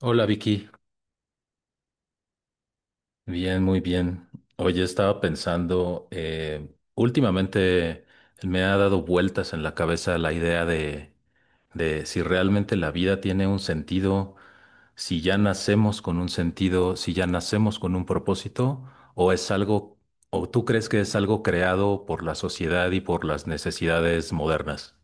Hola, Vicky. Bien, muy bien. Oye, estaba pensando, últimamente me ha dado vueltas en la cabeza la idea de, si realmente la vida tiene un sentido, si ya nacemos con un sentido, si ya nacemos con un propósito, o es algo, o tú crees que es algo creado por la sociedad y por las necesidades modernas.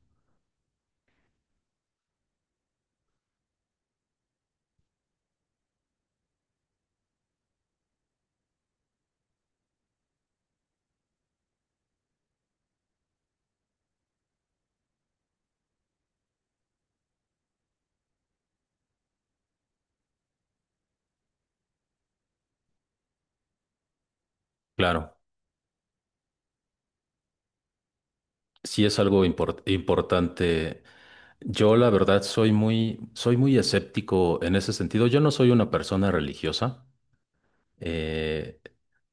Claro, sí es algo importante. Yo la verdad soy muy escéptico en ese sentido. Yo no soy una persona religiosa, eh,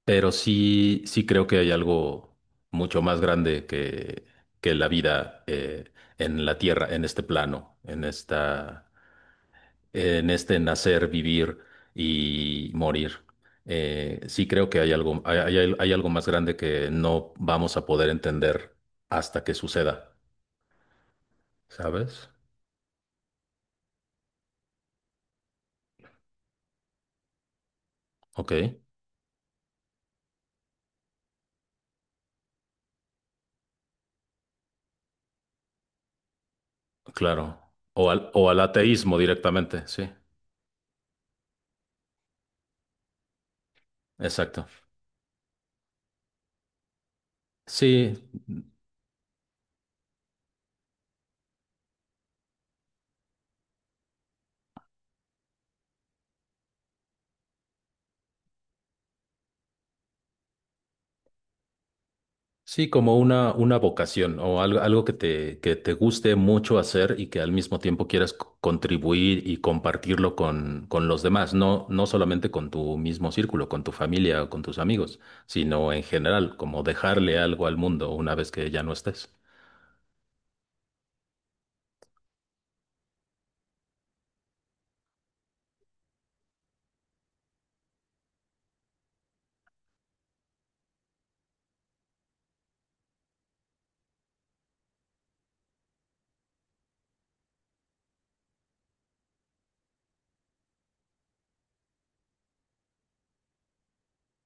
pero sí, sí creo que hay algo mucho más grande que la vida en la tierra, en este plano, en esta, en este nacer, vivir y morir. Sí creo que hay algo, hay, hay algo más grande que no vamos a poder entender hasta que suceda, ¿sabes? Ok. Claro. O al ateísmo directamente, sí. Exacto. Sí, sí, como una vocación o algo, algo que te guste mucho hacer y que al mismo tiempo quieras contribuir y compartirlo con los demás, no, no solamente con tu mismo círculo, con tu familia o con tus amigos, sino en general, como dejarle algo al mundo una vez que ya no estés.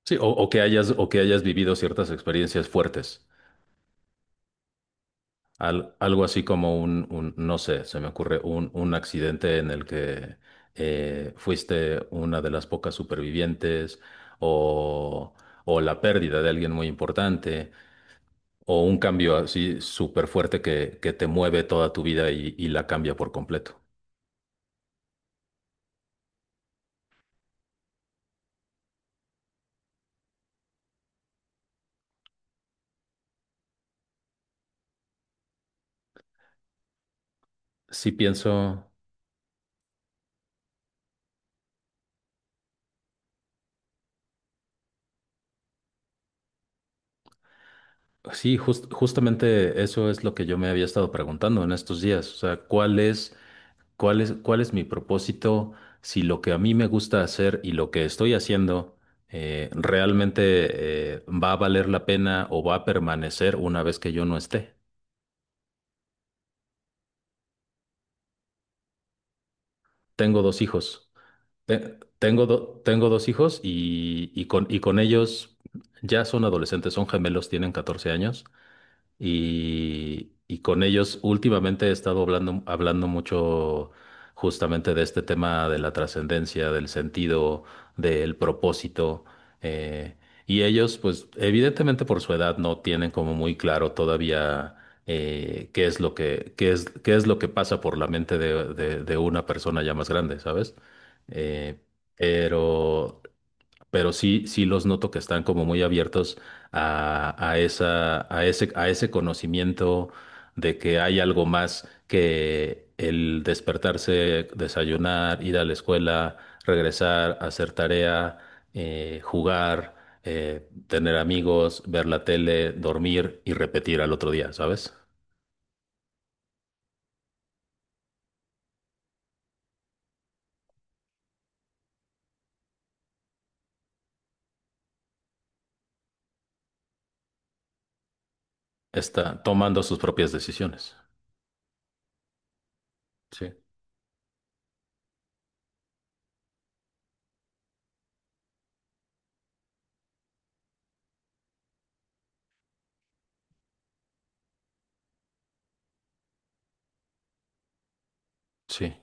Sí, o que hayas vivido ciertas experiencias fuertes. Al- algo así como un, no sé, se me ocurre un accidente en el que fuiste una de las pocas supervivientes o, o la pérdida de alguien muy importante o un cambio así súper fuerte que te mueve toda tu vida y la cambia por completo. Sí pienso, sí, justamente eso es lo que yo me había estado preguntando en estos días, o sea, ¿cuál es... ¿Cuál es, cuál es mi propósito? Si lo que a mí me gusta hacer y lo que estoy haciendo realmente va a valer la pena o va a permanecer una vez que yo no esté. Tengo dos hijos. Tengo, tengo dos hijos y con ellos ya son adolescentes, son gemelos, tienen 14 años. Y, y con ellos últimamente he estado hablando, hablando mucho justamente de este tema de la trascendencia, del sentido, del propósito. eh, y ellos, pues evidentemente por su edad no tienen como muy claro todavía qué es lo que, qué es lo que pasa por la mente de, de una persona ya más grande, ¿sabes? Eh, pero pero sí, sí los noto que están como muy abiertos a esa, a ese conocimiento de que hay algo más que el despertarse, desayunar, ir a la escuela, regresar, hacer tarea, jugar, tener amigos, ver la tele, dormir y repetir al otro día, ¿sabes? Está tomando sus propias decisiones. Sí, sí.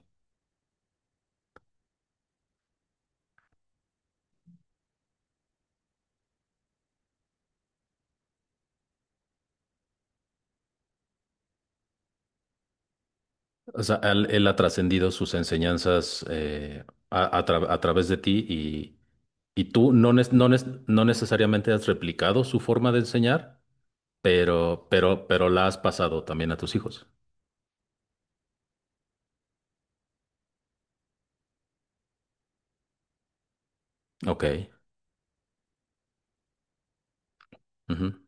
O sea, él ha trascendido sus enseñanzas a, a través de ti y tú no, no, no necesariamente has replicado su forma de enseñar, pero la has pasado también a tus hijos. Ok. Ujú.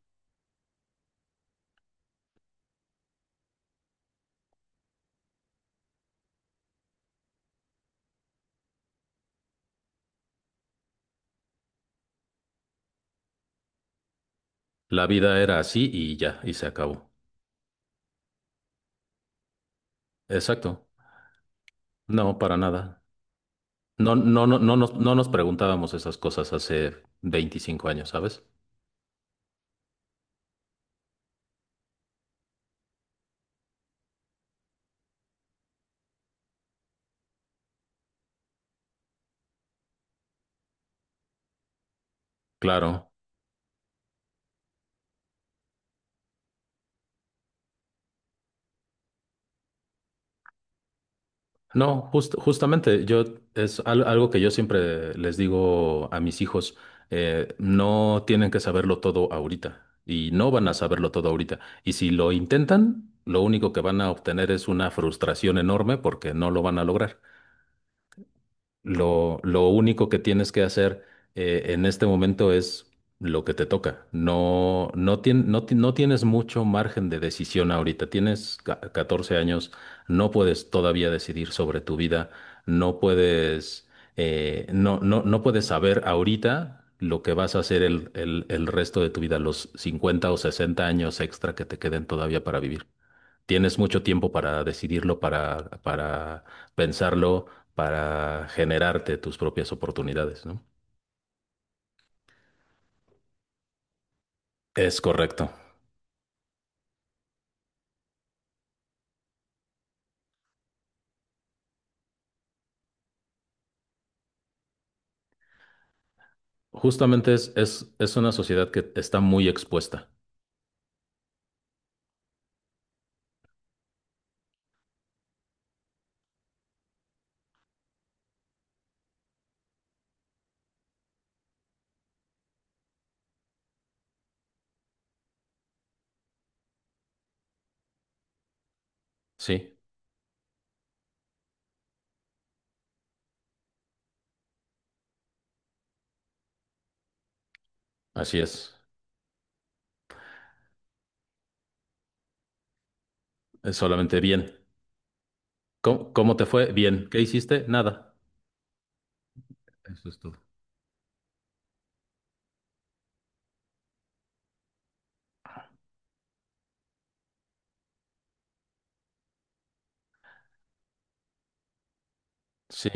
La vida era así y ya, y se acabó. Exacto. No, para nada. No, no, no, no nos, no nos preguntábamos esas cosas hace 25 años, ¿sabes? Claro. No, justamente, yo es algo que yo siempre les digo a mis hijos, no tienen que saberlo todo ahorita y no van a saberlo todo ahorita. Y si lo intentan, lo único que van a obtener es una frustración enorme porque no lo van a lograr. Lo único que tienes que hacer en este momento es lo que te toca. No, no, no, no tienes mucho margen de decisión ahorita. Tienes 14 años, no puedes todavía decidir sobre tu vida, no puedes, no, no, no puedes saber ahorita lo que vas a hacer el resto de tu vida, los 50 o 60 años extra que te queden todavía para vivir. Tienes mucho tiempo para decidirlo, para pensarlo, para generarte tus propias oportunidades, ¿no? Es correcto. Justamente es una sociedad que está muy expuesta. Sí, así es. Es solamente bien. ¿Cómo, cómo te fue? Bien. ¿Qué hiciste? Nada. Eso es todo. Sí,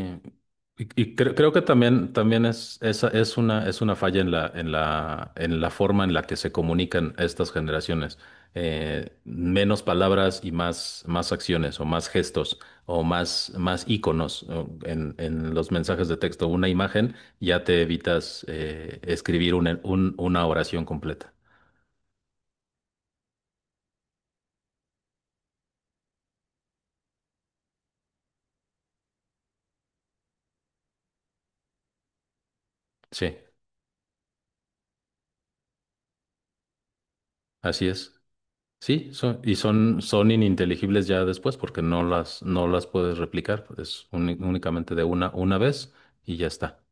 y creo, creo que también, también es, esa es una falla en la, en la, en la forma en la que se comunican estas generaciones. Menos palabras y más, más acciones o más gestos o más, más íconos o en los mensajes de texto. Una imagen ya te evitas escribir una, una oración completa. Sí, así es. Sí, son, y son, son ininteligibles ya después porque no las, no las puedes replicar, es únicamente de una vez y ya está,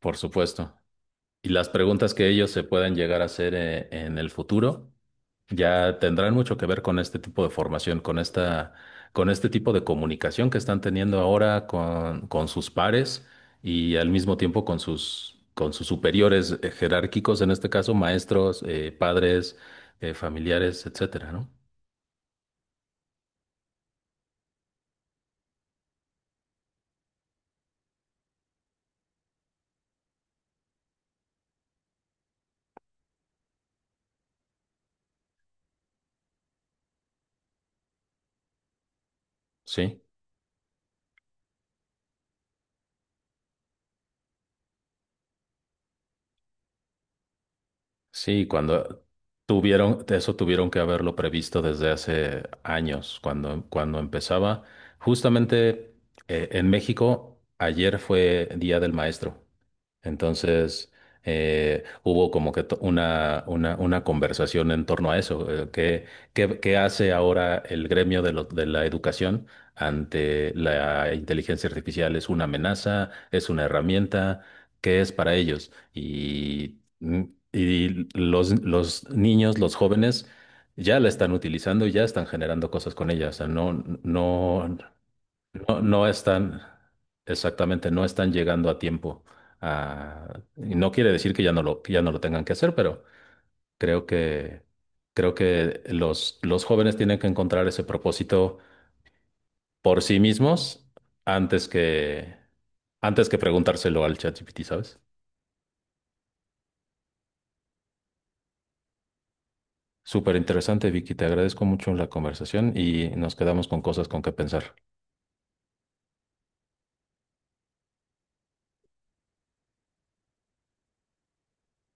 por supuesto. Y las preguntas que ellos se puedan llegar a hacer en el futuro ya tendrán mucho que ver con este tipo de formación, con esta, con este tipo de comunicación que están teniendo ahora con sus pares y al mismo tiempo con sus superiores jerárquicos, en este caso maestros, padres, familiares, etcétera, ¿no? Sí, sí, cuando tuvieron, eso tuvieron que haberlo previsto desde hace años, cuando, cuando empezaba. Justamente en México, ayer fue Día del Maestro. Entonces, hubo como que una conversación en torno a eso. ¿Qué, qué, qué hace ahora el gremio de, de la educación ante la inteligencia artificial? ¿Es una amenaza? ¿Es una herramienta? ¿Qué es para ellos? Y, y los niños, los jóvenes, ya la están utilizando y ya están generando cosas con ella. O sea, no, no. No, no están, exactamente, no están llegando a tiempo. Y no quiere decir que ya no lo, que ya no lo tengan que hacer, pero creo que, creo que los jóvenes tienen que encontrar ese propósito por sí mismos antes que, antes que preguntárselo al ChatGPT, ¿sabes? Súper interesante, Vicky. Te agradezco mucho la conversación y nos quedamos con cosas con que pensar.